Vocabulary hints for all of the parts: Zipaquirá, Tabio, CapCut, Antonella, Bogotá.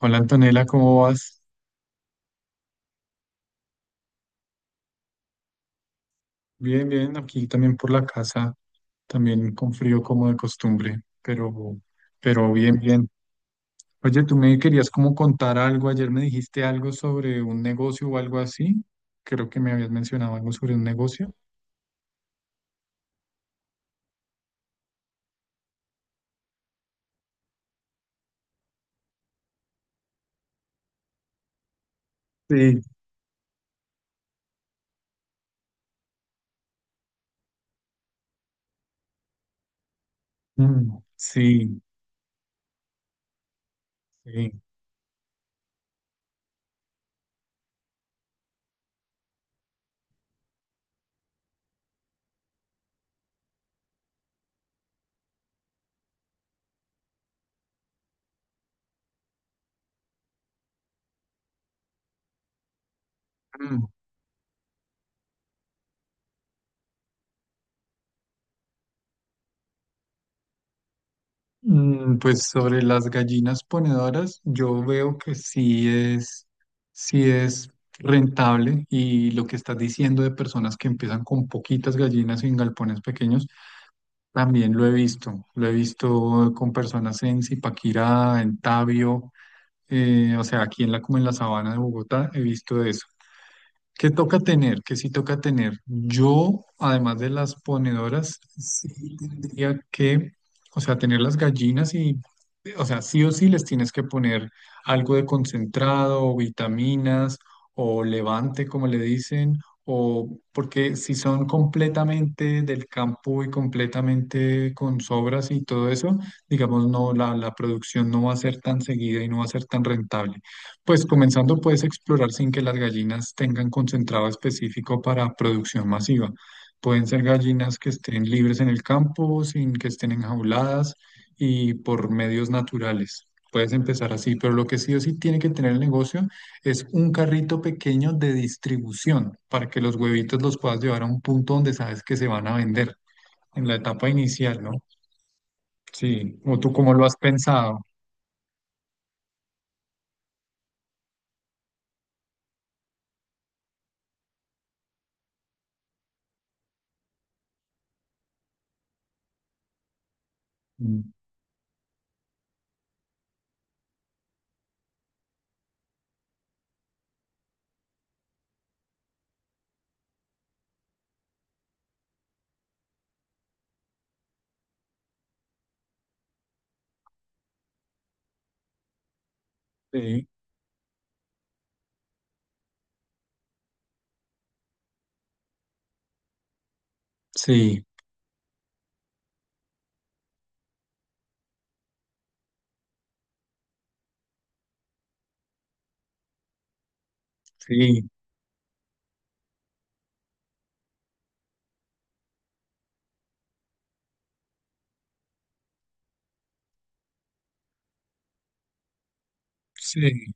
Hola Antonella, ¿cómo vas? Bien, bien, aquí también por la casa, también con frío como de costumbre, pero bien, bien. Oye, tú me querías como contar algo, ayer me dijiste algo sobre un negocio o algo así, creo que me habías mencionado algo sobre un negocio. Sí. Mm, sí, sí. Mm. Pues sobre las gallinas ponedoras, yo veo que es, sí es rentable, y lo que estás diciendo de personas que empiezan con poquitas gallinas en galpones pequeños, también lo he visto. Lo he visto con personas en Zipaquirá, en Tabio, o sea, aquí en como en la sabana de Bogotá, he visto eso. ¿Qué toca tener? ¿Qué sí toca tener? Yo, además de las ponedoras, sí tendría que, o sea, tener las gallinas y, o sea, sí o sí les tienes que poner algo de concentrado, o vitaminas, o levante, como le dicen, o porque si son completamente del campo y completamente con sobras y todo eso, digamos, no, la producción no va a ser tan seguida y no va a ser tan rentable. Pues comenzando puedes explorar sin que las gallinas tengan concentrado específico para producción masiva. Pueden ser gallinas que estén libres en el campo, sin que estén enjauladas y por medios naturales. Puedes empezar así, pero lo que sí o sí tiene que tener el negocio es un carrito pequeño de distribución para que los huevitos los puedas llevar a un punto donde sabes que se van a vender en la etapa inicial, ¿no? Sí, o tú cómo lo has pensado. Mm, sí, sí, sí, sí.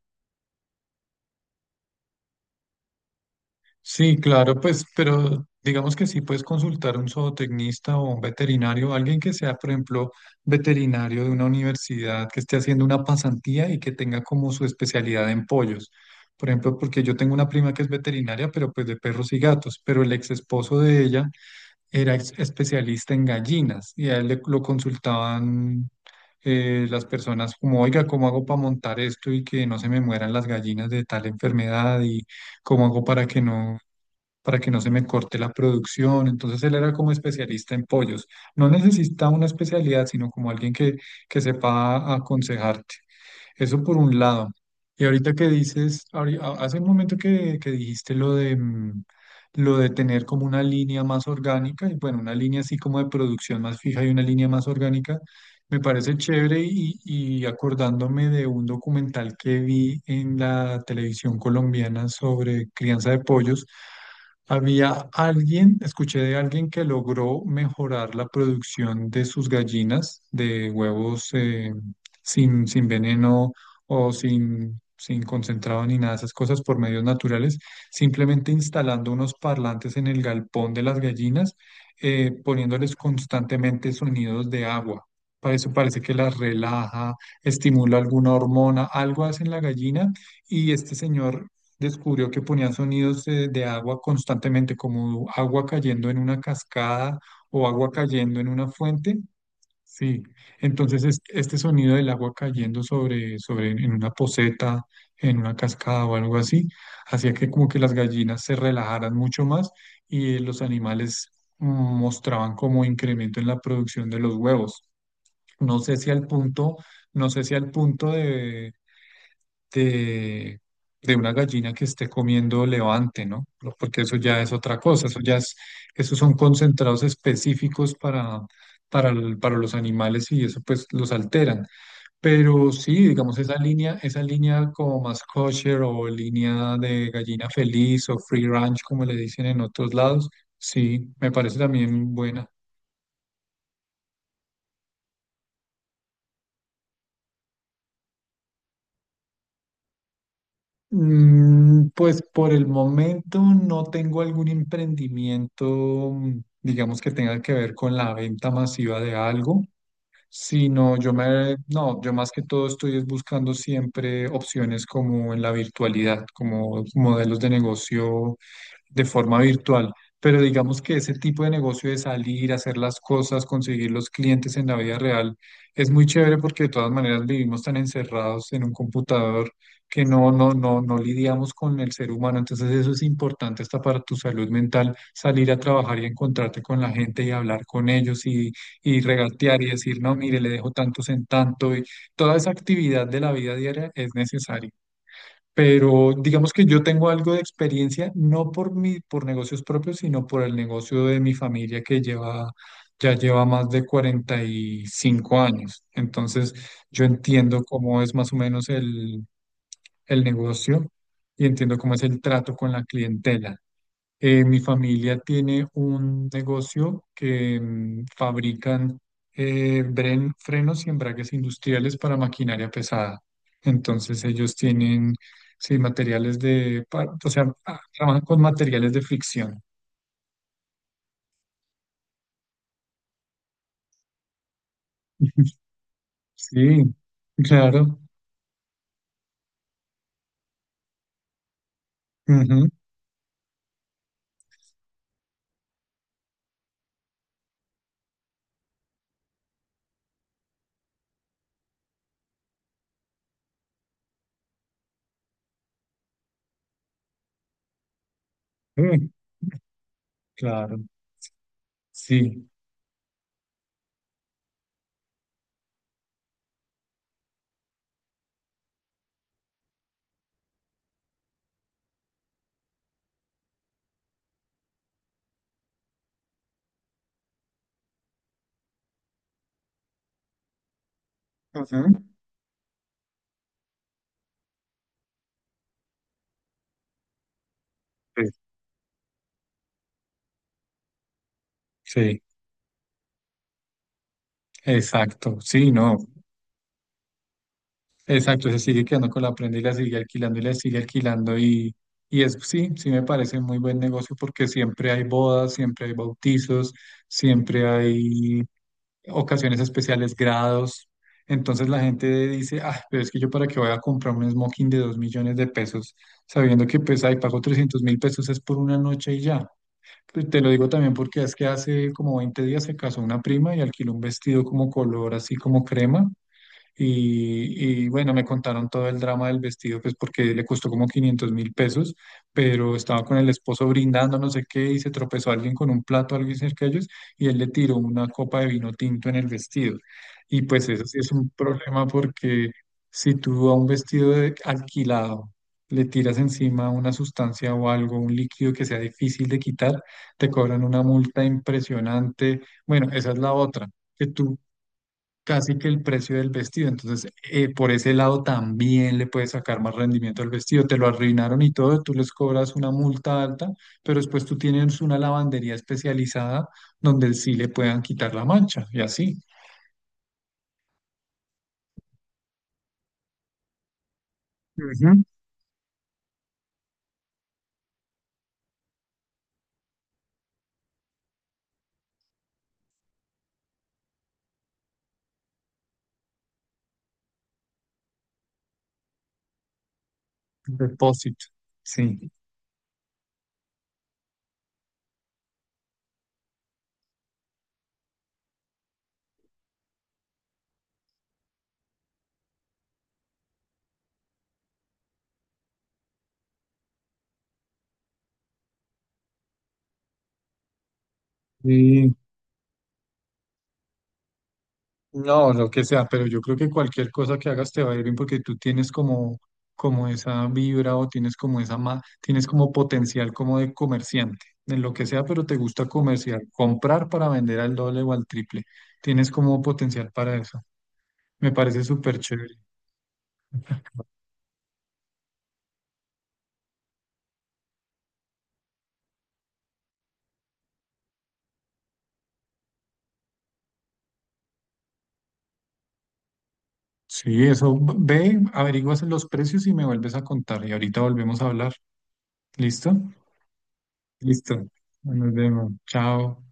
Sí, claro, pues, pero digamos que sí puedes consultar a un zootecnista o un veterinario, alguien que sea, por ejemplo, veterinario de una universidad que esté haciendo una pasantía y que tenga como su especialidad en pollos. Por ejemplo, porque yo tengo una prima que es veterinaria, pero pues de perros y gatos, pero el ex esposo de ella era especialista en gallinas y a él lo consultaban las personas como, oiga, ¿cómo hago para montar esto y que no se me mueran las gallinas de tal enfermedad? Y ¿cómo hago para que no? Para que no se me corte la producción. Entonces él era como especialista en pollos. No necesita una especialidad, sino como alguien que sepa aconsejarte. Eso por un lado. Y ahorita que dices, hace un momento que dijiste lo de tener como una línea más orgánica, y bueno, una línea así como de producción más fija y una línea más orgánica, me parece chévere y acordándome de un documental que vi en la televisión colombiana sobre crianza de pollos, había alguien, escuché de alguien que logró mejorar la producción de sus gallinas de huevos, sin veneno o sin concentrado ni nada de esas cosas, por medios naturales, simplemente instalando unos parlantes en el galpón de las gallinas, poniéndoles constantemente sonidos de agua. Para eso parece que las relaja, estimula alguna hormona, algo hace en la gallina, y este señor descubrió que ponían sonidos de agua constantemente, como agua cayendo en una cascada o agua cayendo en una fuente. Sí, entonces este sonido del agua cayendo sobre en una poceta, en una cascada o algo así, hacía que como que las gallinas se relajaran mucho más, y los animales mm, mostraban como incremento en la producción de los huevos. No sé si al punto, no sé si al punto de de, de una gallina que esté comiendo levante, ¿no? Porque eso ya es otra cosa, eso ya es, esos son concentrados específicos para, para los animales, y eso pues los alteran. Pero sí, digamos, esa línea como más kosher, o línea de gallina feliz, o free range, como le dicen en otros lados, sí, me parece también buena. Pues por el momento no tengo algún emprendimiento, digamos que tenga que ver con la venta masiva de algo, sino yo me, no, yo más que todo estoy es buscando siempre opciones como en la virtualidad, como modelos de negocio de forma virtual. Pero digamos que ese tipo de negocio de salir, hacer las cosas, conseguir los clientes en la vida real, es muy chévere, porque de todas maneras vivimos tan encerrados en un computador que no lidiamos con el ser humano. Entonces eso es importante hasta para tu salud mental, salir a trabajar y encontrarte con la gente y hablar con ellos y regatear y decir, no, mire, le dejo tantos en tanto. Y toda esa actividad de la vida diaria es necesaria, pero digamos que yo tengo algo de experiencia, no por mi, por negocios propios, sino por el negocio de mi familia que lleva más de 45 años. Entonces, yo entiendo cómo es más o menos el negocio, y entiendo cómo es el trato con la clientela. Mi familia tiene un negocio que fabrican frenos y embragues industriales para maquinaria pesada. Entonces ellos tienen, sí, materiales de, o sea, trabajan con materiales de fricción. Sí, claro. Ujú. Sí, claro. Sí. Ujú. Sí, sí, exacto. Sí, no. Exacto, se sigue quedando con la prenda, y la sigue alquilando, y la sigue alquilando, y es, sí, sí me parece muy buen negocio, porque siempre hay bodas, siempre hay bautizos, siempre hay ocasiones especiales, grados. Entonces la gente dice, ah, pero es que yo para qué voy a comprar un smoking de 2 millones de pesos, sabiendo que pues ahí pago 300.000 pesos es por una noche y ya. Pues, te lo digo también porque es que hace como 20 días se casó una prima y alquiló un vestido como color así como crema y bueno, me contaron todo el drama del vestido, pues porque le costó como 500.000 pesos, pero estaba con el esposo brindando, no sé qué, y se tropezó alguien con un plato, alguien cerca de ellos, y él le tiró una copa de vino tinto en el vestido. Y pues eso sí es un problema porque si tú a un vestido alquilado le tiras encima una sustancia o algo, un líquido que sea difícil de quitar, te cobran una multa impresionante. Bueno, esa es la otra, que tú casi que el precio del vestido. Entonces, por ese lado también le puedes sacar más rendimiento al vestido. Te lo arruinaron y todo, tú les cobras una multa alta, pero después tú tienes una lavandería especializada donde sí le puedan quitar la mancha y así. Ujú. Depósito. Sí. Sí. No, lo que sea, pero yo creo que cualquier cosa que hagas te va a ir bien, porque tú tienes como, esa vibra, o tienes como esa tienes como potencial como de comerciante, en lo que sea, pero te gusta comerciar, comprar para vender al doble o al triple. Tienes como potencial para eso. Me parece súper chévere. Sí, eso ve, averiguas los precios y me vuelves a contar. Y ahorita volvemos a hablar. ¿Listo? Listo. Nos vemos. Chao.